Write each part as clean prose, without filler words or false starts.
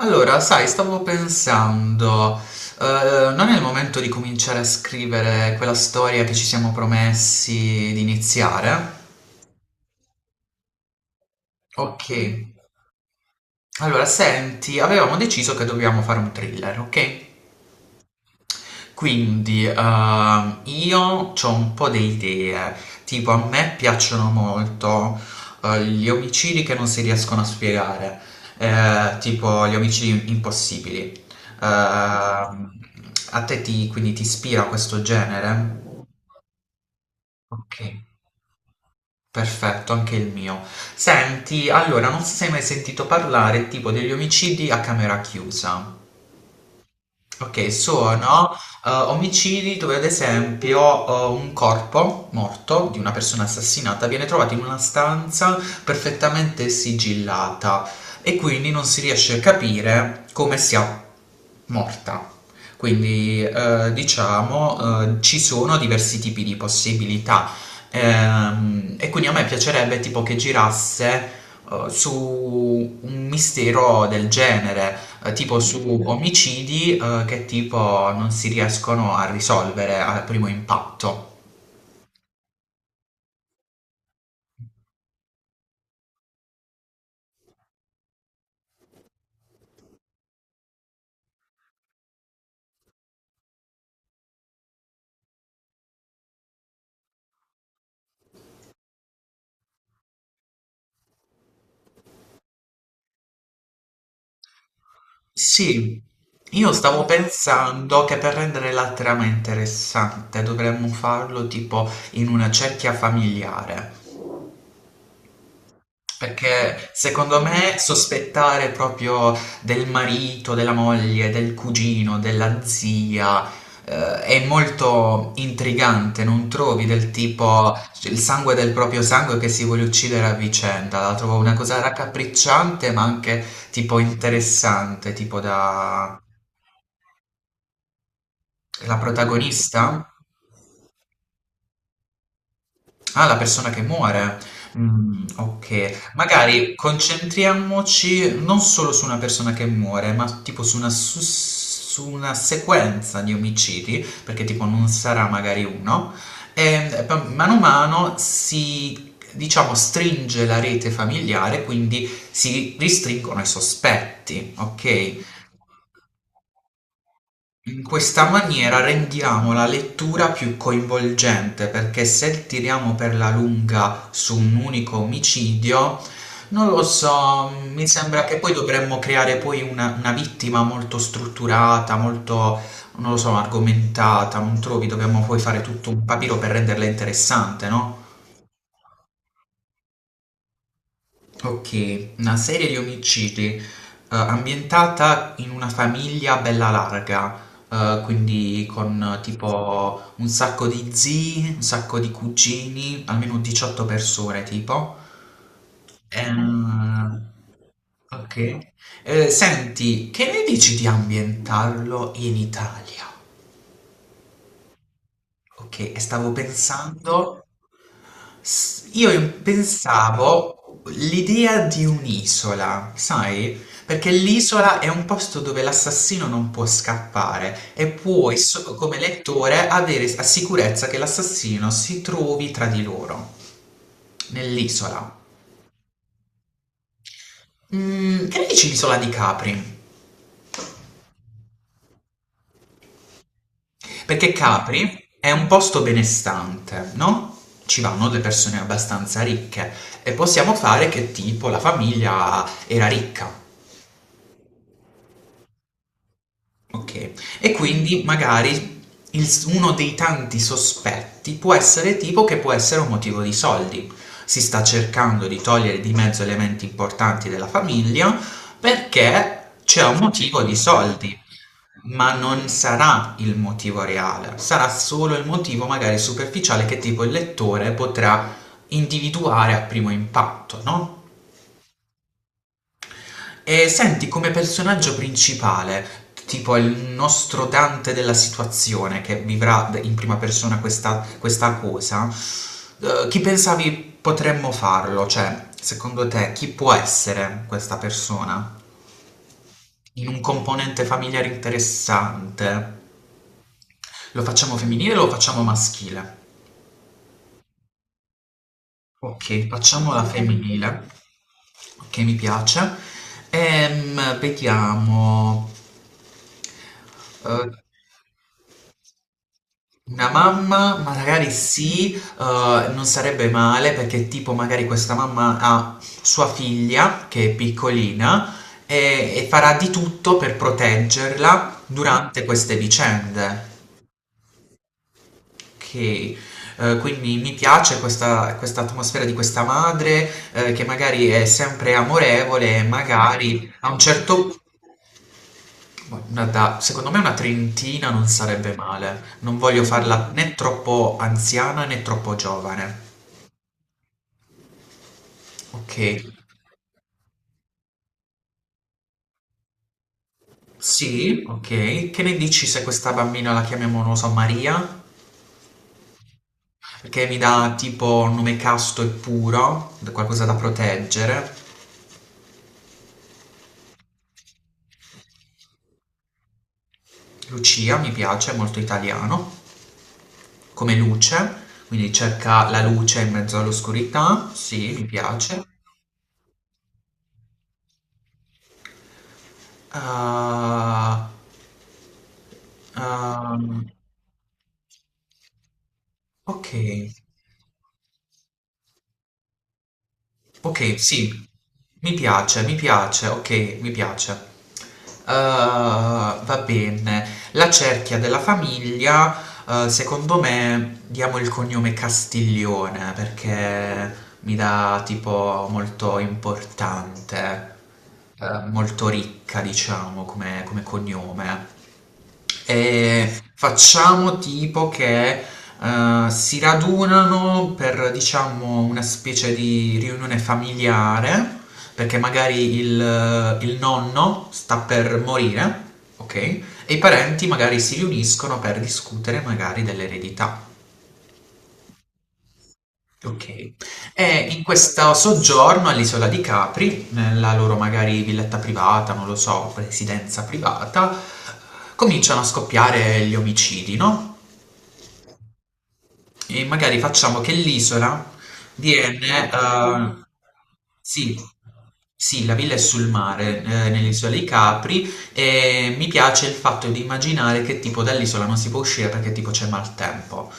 Allora, sai, stavo pensando, non è il momento di cominciare a scrivere quella storia che ci siamo promessi di iniziare? Ok, allora senti, avevamo deciso che dobbiamo fare un thriller, ok? Quindi, io ho un po' di idee, tipo a me piacciono molto gli omicidi che non si riescono a spiegare, tipo gli omicidi impossibili. Ehm, quindi ti ispira questo genere? Ok, perfetto, anche il mio. Senti, allora, non so se hai mai sentito parlare tipo degli omicidi a camera chiusa. Ok, sono omicidi dove ad esempio un corpo morto di una persona assassinata viene trovato in una stanza perfettamente sigillata e quindi non si riesce a capire come sia morta. Quindi, diciamo, ci sono diversi tipi di possibilità. E quindi a me piacerebbe tipo che girasse, su un mistero del genere, tipo su omicidi, che tipo non si riescono a risolvere al primo impatto. Sì, io stavo pensando che per rendere la trama interessante dovremmo farlo tipo in una cerchia familiare. Perché secondo me sospettare proprio del marito, della moglie, del cugino, della zia, è molto intrigante, non trovi del tipo cioè, il sangue del proprio sangue che si vuole uccidere a vicenda, la trovo una cosa raccapricciante ma anche tipo interessante, tipo da la protagonista. Ah, la persona che muore. Mm, ok, magari concentriamoci non solo su una persona che muore, ma tipo su una, su una sequenza di omicidi, perché tipo non sarà magari uno, e mano a mano si, diciamo, stringe la rete familiare, quindi si ristringono i sospetti, ok? In questa maniera rendiamo la lettura più coinvolgente perché se tiriamo per la lunga su un unico omicidio, non lo so, mi sembra che poi dovremmo creare poi una vittima molto strutturata, molto, non lo so, argomentata, non trovi? Dobbiamo poi fare tutto un papiro per renderla interessante, no? Ok, una serie di omicidi ambientata in una famiglia bella larga, quindi con tipo un sacco di zii, un sacco di cugini, almeno 18 persone tipo. Ehm, ok. Senti, che ne dici di ambientarlo in Italia? Ok, e stavo pensando, io pensavo l'idea di un'isola, sai? Perché l'isola è un posto dove l'assassino non può scappare e puoi, come lettore, avere la sicurezza che l'assassino si trovi tra di loro, nell'isola. Mm, che ne dici l'isola di Capri? Perché Capri è un posto benestante, no? Ci vanno le persone abbastanza ricche e possiamo fare che tipo la famiglia era ricca, ok? E quindi magari il uno dei tanti sospetti può essere tipo che può essere un motivo di soldi. Si sta cercando di togliere di mezzo elementi importanti della famiglia perché c'è un motivo di soldi. Ma non sarà il motivo reale, sarà solo il motivo magari superficiale che tipo il lettore potrà individuare a primo impatto, no? E senti come personaggio principale, tipo il nostro Dante della situazione che vivrà in prima persona questa, questa cosa, chi pensavi potremmo farlo? Cioè, secondo te, chi può essere questa persona? In un componente familiare interessante? Lo facciamo femminile o lo facciamo maschile? Ok, facciamo la femminile, che mi piace. Vediamo. Eh, una mamma, magari sì, non sarebbe male perché tipo magari questa mamma ha sua figlia che è piccolina e farà di tutto per proteggerla durante queste vicende. Ok, quindi mi piace questa, questa atmosfera di questa madre che magari è sempre amorevole, e magari a un certo secondo me una trentina non sarebbe male. Non voglio farla né troppo anziana né troppo giovane. Ok. Sì, ok. Che ne dici se questa bambina la chiamiamo, non lo so, Maria? Perché mi dà tipo un nome casto e puro, qualcosa da proteggere. Lucia mi piace, è molto italiano. Come luce, quindi cerca la luce in mezzo all'oscurità. Sì, mi piace. Ah, ehm, ok, ok, sì, mi piace, ok, mi piace. Ah, va bene. La cerchia della famiglia, secondo me, diamo il cognome Castiglione perché mi dà tipo molto importante. Eh, molto ricca, diciamo, come, come cognome. E facciamo tipo che si radunano per, diciamo, una specie di riunione familiare, perché magari il nonno sta per morire, ok? E i parenti magari si riuniscono per discutere magari dell'eredità. Okay. E in questo soggiorno all'isola di Capri, nella loro magari villetta privata, non lo so, residenza privata, cominciano a scoppiare gli omicidi, no, e magari facciamo che l'isola viene, ah, carino. Sì, sì, la villa è sul mare, nell'isola dei Capri, e mi piace il fatto di immaginare che tipo dall'isola non si può uscire perché tipo c'è maltempo.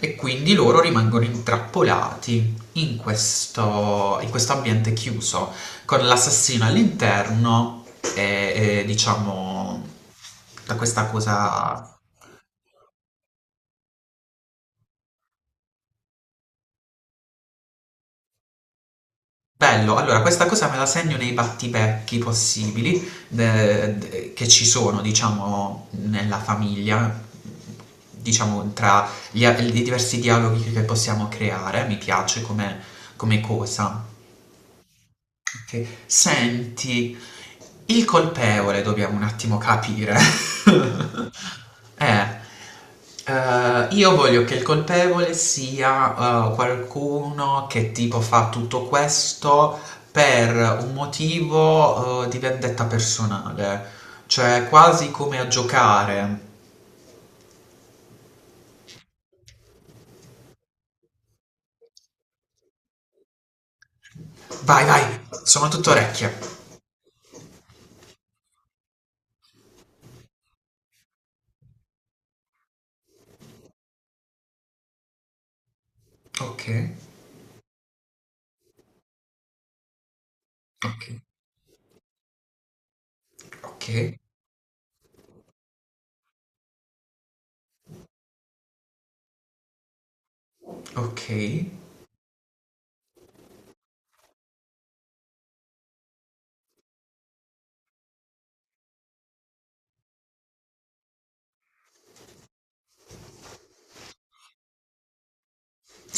E quindi loro rimangono intrappolati in questo ambiente chiuso, con l'assassino all'interno e, diciamo da questa cosa. Bello, allora questa cosa me la segno nei battipecchi possibili che ci sono, diciamo, nella famiglia, diciamo, tra gli, i diversi dialoghi che possiamo creare, mi piace come, come cosa. Ok. Senti, il colpevole dobbiamo un attimo capire. Eh, io voglio che il colpevole sia qualcuno che tipo fa tutto questo per un motivo di vendetta personale, cioè quasi come a giocare. Vai, vai, sono tutto orecchie. Ok, ok, ok, ok.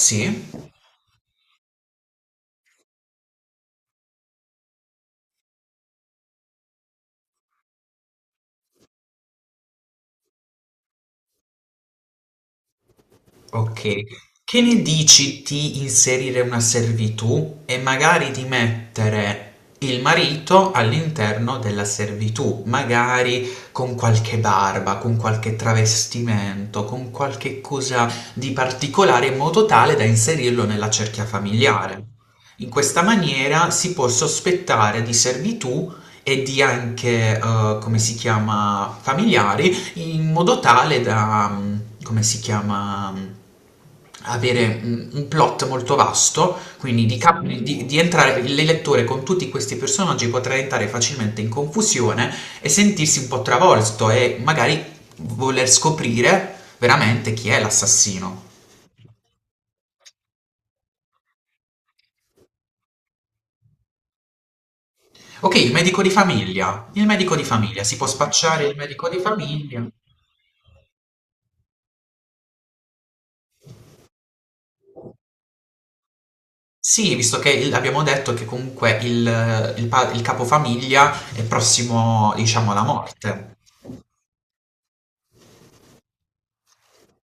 Sì. Ok, che ne dici di inserire una servitù e magari di mettere il marito all'interno della servitù, magari con qualche barba, con qualche travestimento, con qualche cosa di particolare in modo tale da inserirlo nella cerchia familiare. In questa maniera si può sospettare di servitù e di anche, come si chiama, familiari in modo tale da, come si chiama, avere un plot molto vasto, quindi di, di entrare il lettore con tutti questi personaggi potrà entrare facilmente in confusione e sentirsi un po' travolto e magari voler scoprire veramente chi è l'assassino. Ok, il medico di famiglia. Il medico di famiglia si può spacciare il medico di famiglia. Sì, visto che abbiamo detto che comunque il, il capofamiglia è prossimo, diciamo, alla morte.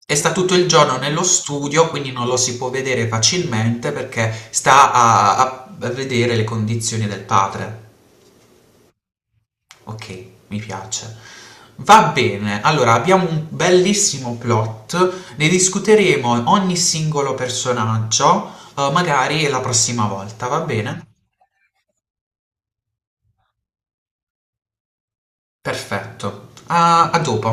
E sta tutto il giorno nello studio, quindi non lo si può vedere facilmente perché sta a, a vedere le condizioni del padre. Ok, mi piace. Va bene, allora abbiamo un bellissimo plot, ne discuteremo ogni singolo personaggio, magari la prossima volta, va bene? Perfetto. A a dopo.